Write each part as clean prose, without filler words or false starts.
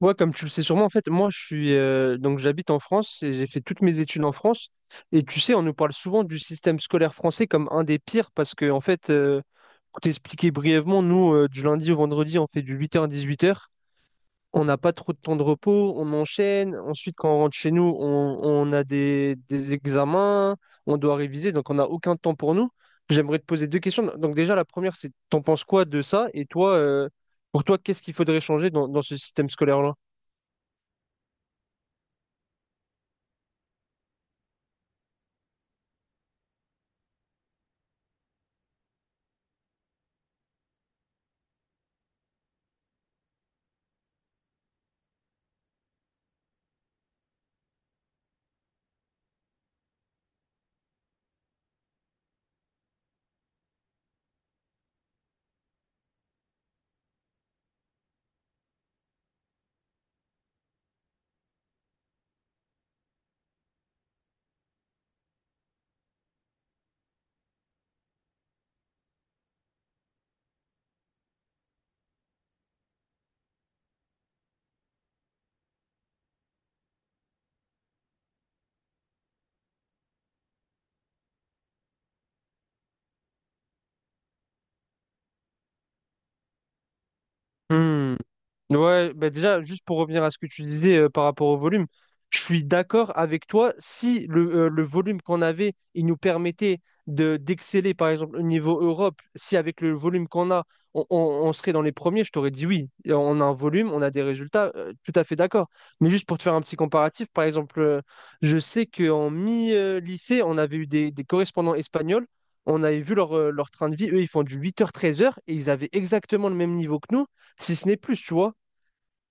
Ouais, comme tu le sais sûrement, en fait, moi, je suis donc j'habite en France et j'ai fait toutes mes études en France. Et tu sais, on nous parle souvent du système scolaire français comme un des pires parce que, en fait, pour t'expliquer brièvement, nous, du lundi au vendredi, on fait du 8h-18h. On n'a pas trop de temps de repos, on enchaîne. Ensuite, quand on rentre chez nous, on a des examens, on doit réviser, donc on n'a aucun temps pour nous. J'aimerais te poser deux questions. Donc déjà, la première, c'est t'en penses quoi de ça? Et toi, pour toi, qu'est-ce qu'il faudrait changer dans ce système scolaire-là? Hmm. Ouais, bah déjà, juste pour revenir à ce que tu disais par rapport au volume, je suis d'accord avec toi. Si le, le volume qu'on avait, il nous permettait de d'exceller, par exemple, au niveau Europe, si avec le volume qu'on a, on, on- on serait dans les premiers, je t'aurais dit oui. Et on a un volume, on a des résultats, tout à fait d'accord. Mais juste pour te faire un petit comparatif, par exemple, je sais qu'en mi-lycée, on avait eu des correspondants espagnols, on avait vu leur, leur train de vie, eux, ils font du 8h-13h et ils avaient exactement le même niveau que nous, si ce n'est plus, tu vois.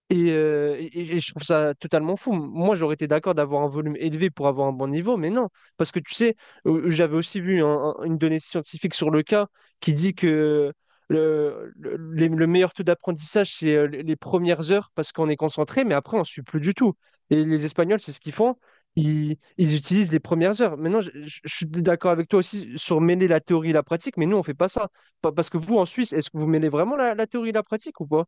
Et et- je trouve ça totalement fou. Moi, j'aurais été d'accord d'avoir un volume élevé pour avoir un bon niveau, mais non. Parce que tu sais, j'avais aussi vu une donnée scientifique sur le cas qui dit que le meilleur taux d'apprentissage, c'est les premières heures parce qu'on est concentré, mais après, on ne suit plus du tout. Et les Espagnols, c'est ce qu'ils font. Ils utilisent les premières heures. Maintenant, je suis d'accord avec toi aussi sur mêler la théorie et la pratique, mais nous, on fait pas ça. Parce que vous, en Suisse, est-ce que vous mêlez vraiment la théorie et la pratique ou pas?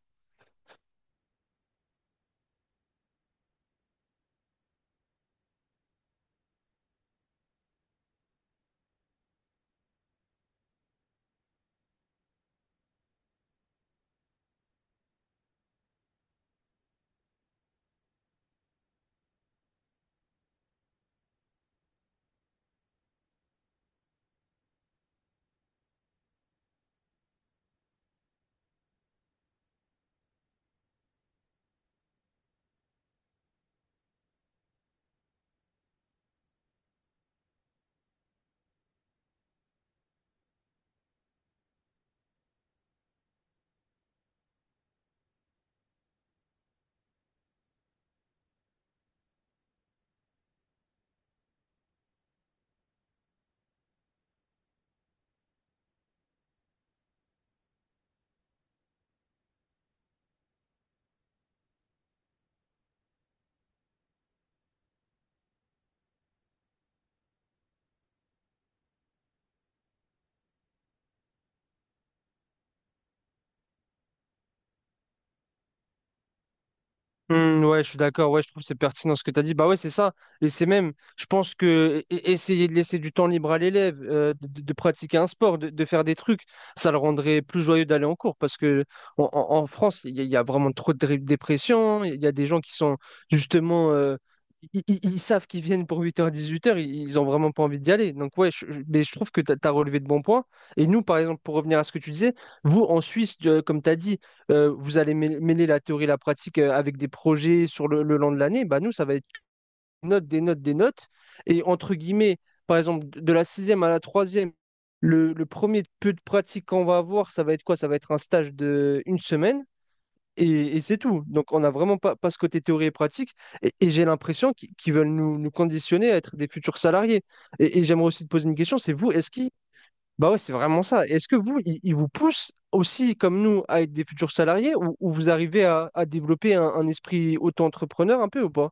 Hmm, ouais, je suis d'accord. Ouais, je trouve que c'est pertinent ce que tu as dit. Bah ouais, c'est ça. Et c'est même, je pense que essayer de laisser du temps libre à l'élève, pratiquer un sport, de faire des trucs, ça le rendrait plus joyeux d'aller en cours. Parce que en France, il y a vraiment trop de dépression. Il y a des gens qui sont justement, ils savent qu'ils viennent pour 8h-18h. Ils ont vraiment pas envie d'y aller. Donc ouais, mais je trouve que tu as relevé de bons points. Et nous, par exemple, pour revenir à ce que tu disais, vous en Suisse, comme tu as dit, vous allez mêler la théorie et la pratique avec des projets sur le long de l'année, bah nous, ça va être notes, des notes, des notes. Et entre guillemets, par exemple, de la sixième à la troisième, le premier peu de pratique qu'on va avoir, ça va être quoi? Ça va être un stage de une semaine et c'est tout. Donc, on n'a vraiment pas ce côté théorie et pratique. Et j'ai l'impression qu'ils veulent nous conditionner à être des futurs salariés. Et j'aimerais aussi te poser une question, c'est vous, est-ce que. Bah ouais, c'est vraiment ça. Est-ce que vous, ils vous poussent aussi, comme nous, à être des futurs salariés ou vous arrivez à développer un esprit auto-entrepreneur un peu ou pas?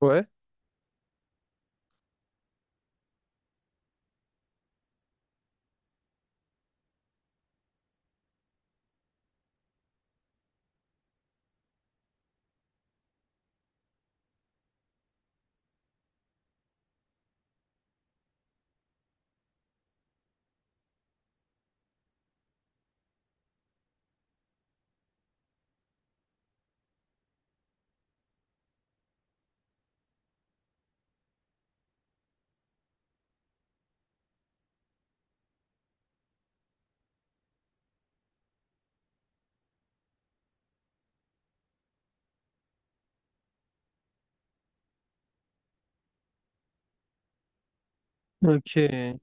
Ouais. Ok.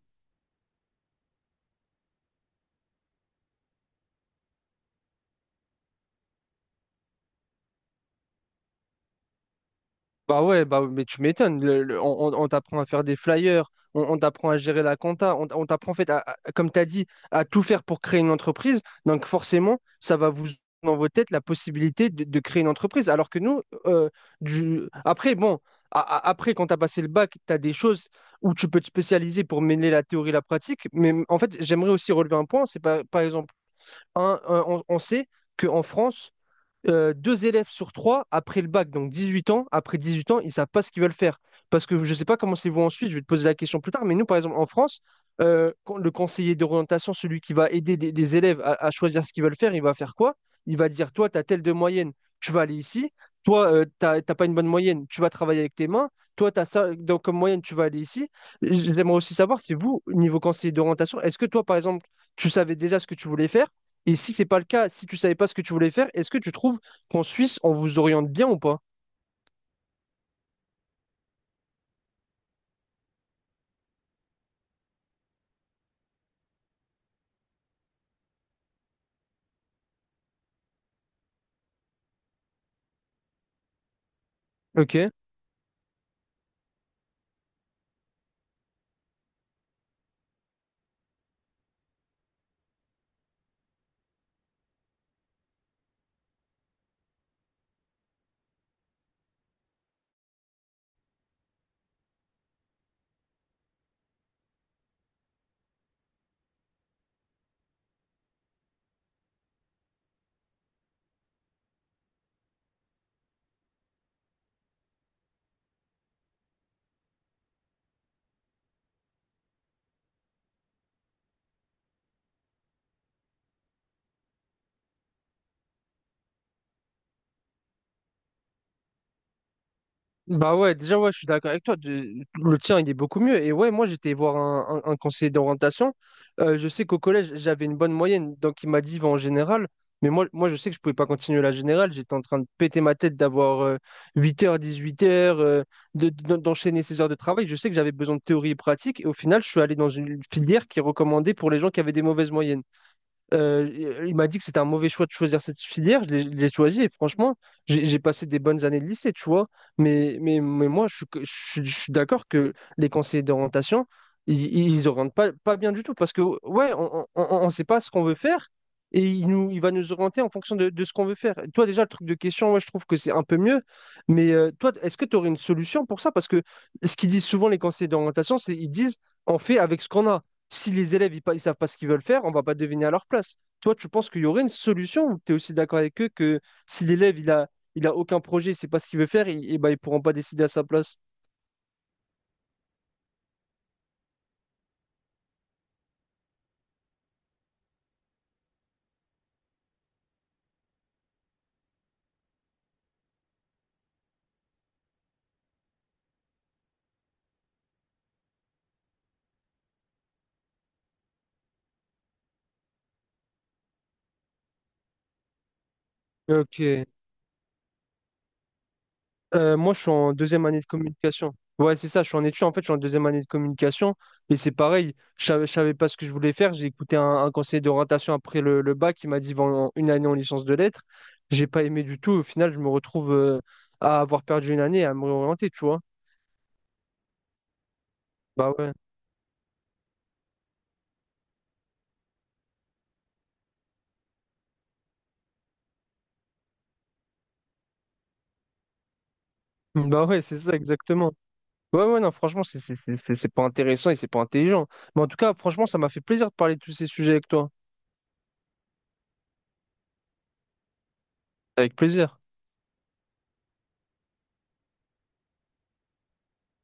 Bah ouais, bah, mais tu m'étonnes. On t'apprend à faire des flyers, on t'apprend à gérer la compta, on t'apprend en fait, comme tu as dit, à tout faire pour créer une entreprise. Donc forcément, ça va vous dans vos têtes la possibilité de créer une entreprise. Alors que nous, du, après, bon, après, quand tu as passé le bac, tu as des choses où tu peux te spécialiser pour mêler la théorie et la pratique. Mais en fait, j'aimerais aussi relever un point, c'est par exemple, on sait qu'en France, deux élèves sur trois après le bac, donc 18 ans, après 18 ans, ils ne savent pas ce qu'ils veulent faire. Parce que je ne sais pas comment c'est vous ensuite, je vais te poser la question plus tard, mais nous, par exemple, en France, quand le conseiller d'orientation, celui qui va aider les élèves à choisir ce qu'ils veulent faire, il va faire quoi? Il va dire, toi, tu as telle de moyenne, tu vas aller ici. Toi, t'as pas une bonne moyenne, tu vas travailler avec tes mains. Toi, tu as ça donc, comme moyenne, tu vas aller ici. J'aimerais aussi savoir, c'est vous, niveau conseiller d'orientation, est-ce que toi, par exemple, tu savais déjà ce que tu voulais faire? Et si c'est pas le cas, si tu savais pas ce que tu voulais faire, est-ce que tu trouves qu'en Suisse, on vous oriente bien ou pas? Ok. Bah ouais, déjà, ouais, je suis d'accord avec toi. Le tien, il est beaucoup mieux. Et ouais, moi, j'étais voir un conseiller d'orientation. Je sais qu'au collège, j'avais une bonne moyenne. Donc, il m'a dit, va en général. Mais moi, moi, je sais que je pouvais pas continuer la générale. J'étais en train de péter ma tête d'avoir 8 heures, 18 heures, d'enchaîner ces heures de travail. Je sais que j'avais besoin de théorie et pratique. Et au final, je suis allé dans une filière qui est recommandée pour les gens qui avaient des mauvaises moyennes. Euh, il m'a dit que c'était un mauvais choix de choisir cette filière. Je l'ai choisi et franchement, j'ai passé des bonnes années de lycée, tu vois. Mais moi, je suis d'accord que les conseillers d'orientation, ils, ils orientent pas bien du tout parce que, ouais, on ne sait pas ce qu'on veut faire et il, nous, il va nous orienter en fonction de ce qu'on veut faire. Toi, déjà, le truc de question, ouais, je trouve que c'est un peu mieux. Mais toi, est-ce que tu aurais une solution pour ça? Parce que ce qu'ils disent souvent, les conseillers d'orientation, c'est ils disent on fait avec ce qu'on a. Si les élèves ils, ils savent pas ce qu'ils veulent faire, on va pas deviner à leur place. Toi, tu penses qu'il y aurait une solution ou tu es aussi d'accord avec eux que si l'élève il a aucun projet, c'est pas ce qu'il veut faire, ils ne ben, ils pourront pas décider à sa place. Ok. Moi, je suis en deuxième année de communication. Ouais, c'est ça, je suis en études, en fait, je suis en deuxième année de communication. Et c'est pareil, je savais pas ce que je voulais faire. J'ai écouté un conseiller d'orientation après le bac qui m'a dit va une année en licence de lettres. J'ai pas aimé du tout. Au final, je me retrouve à avoir perdu une année et à me réorienter, tu vois. Bah ouais. Bah ouais, c'est ça, exactement. Ouais, ouais, non, franchement, c'est pas intéressant et c'est pas intelligent. Mais en tout cas, franchement, ça m'a fait plaisir de parler de tous ces sujets avec toi. Avec plaisir.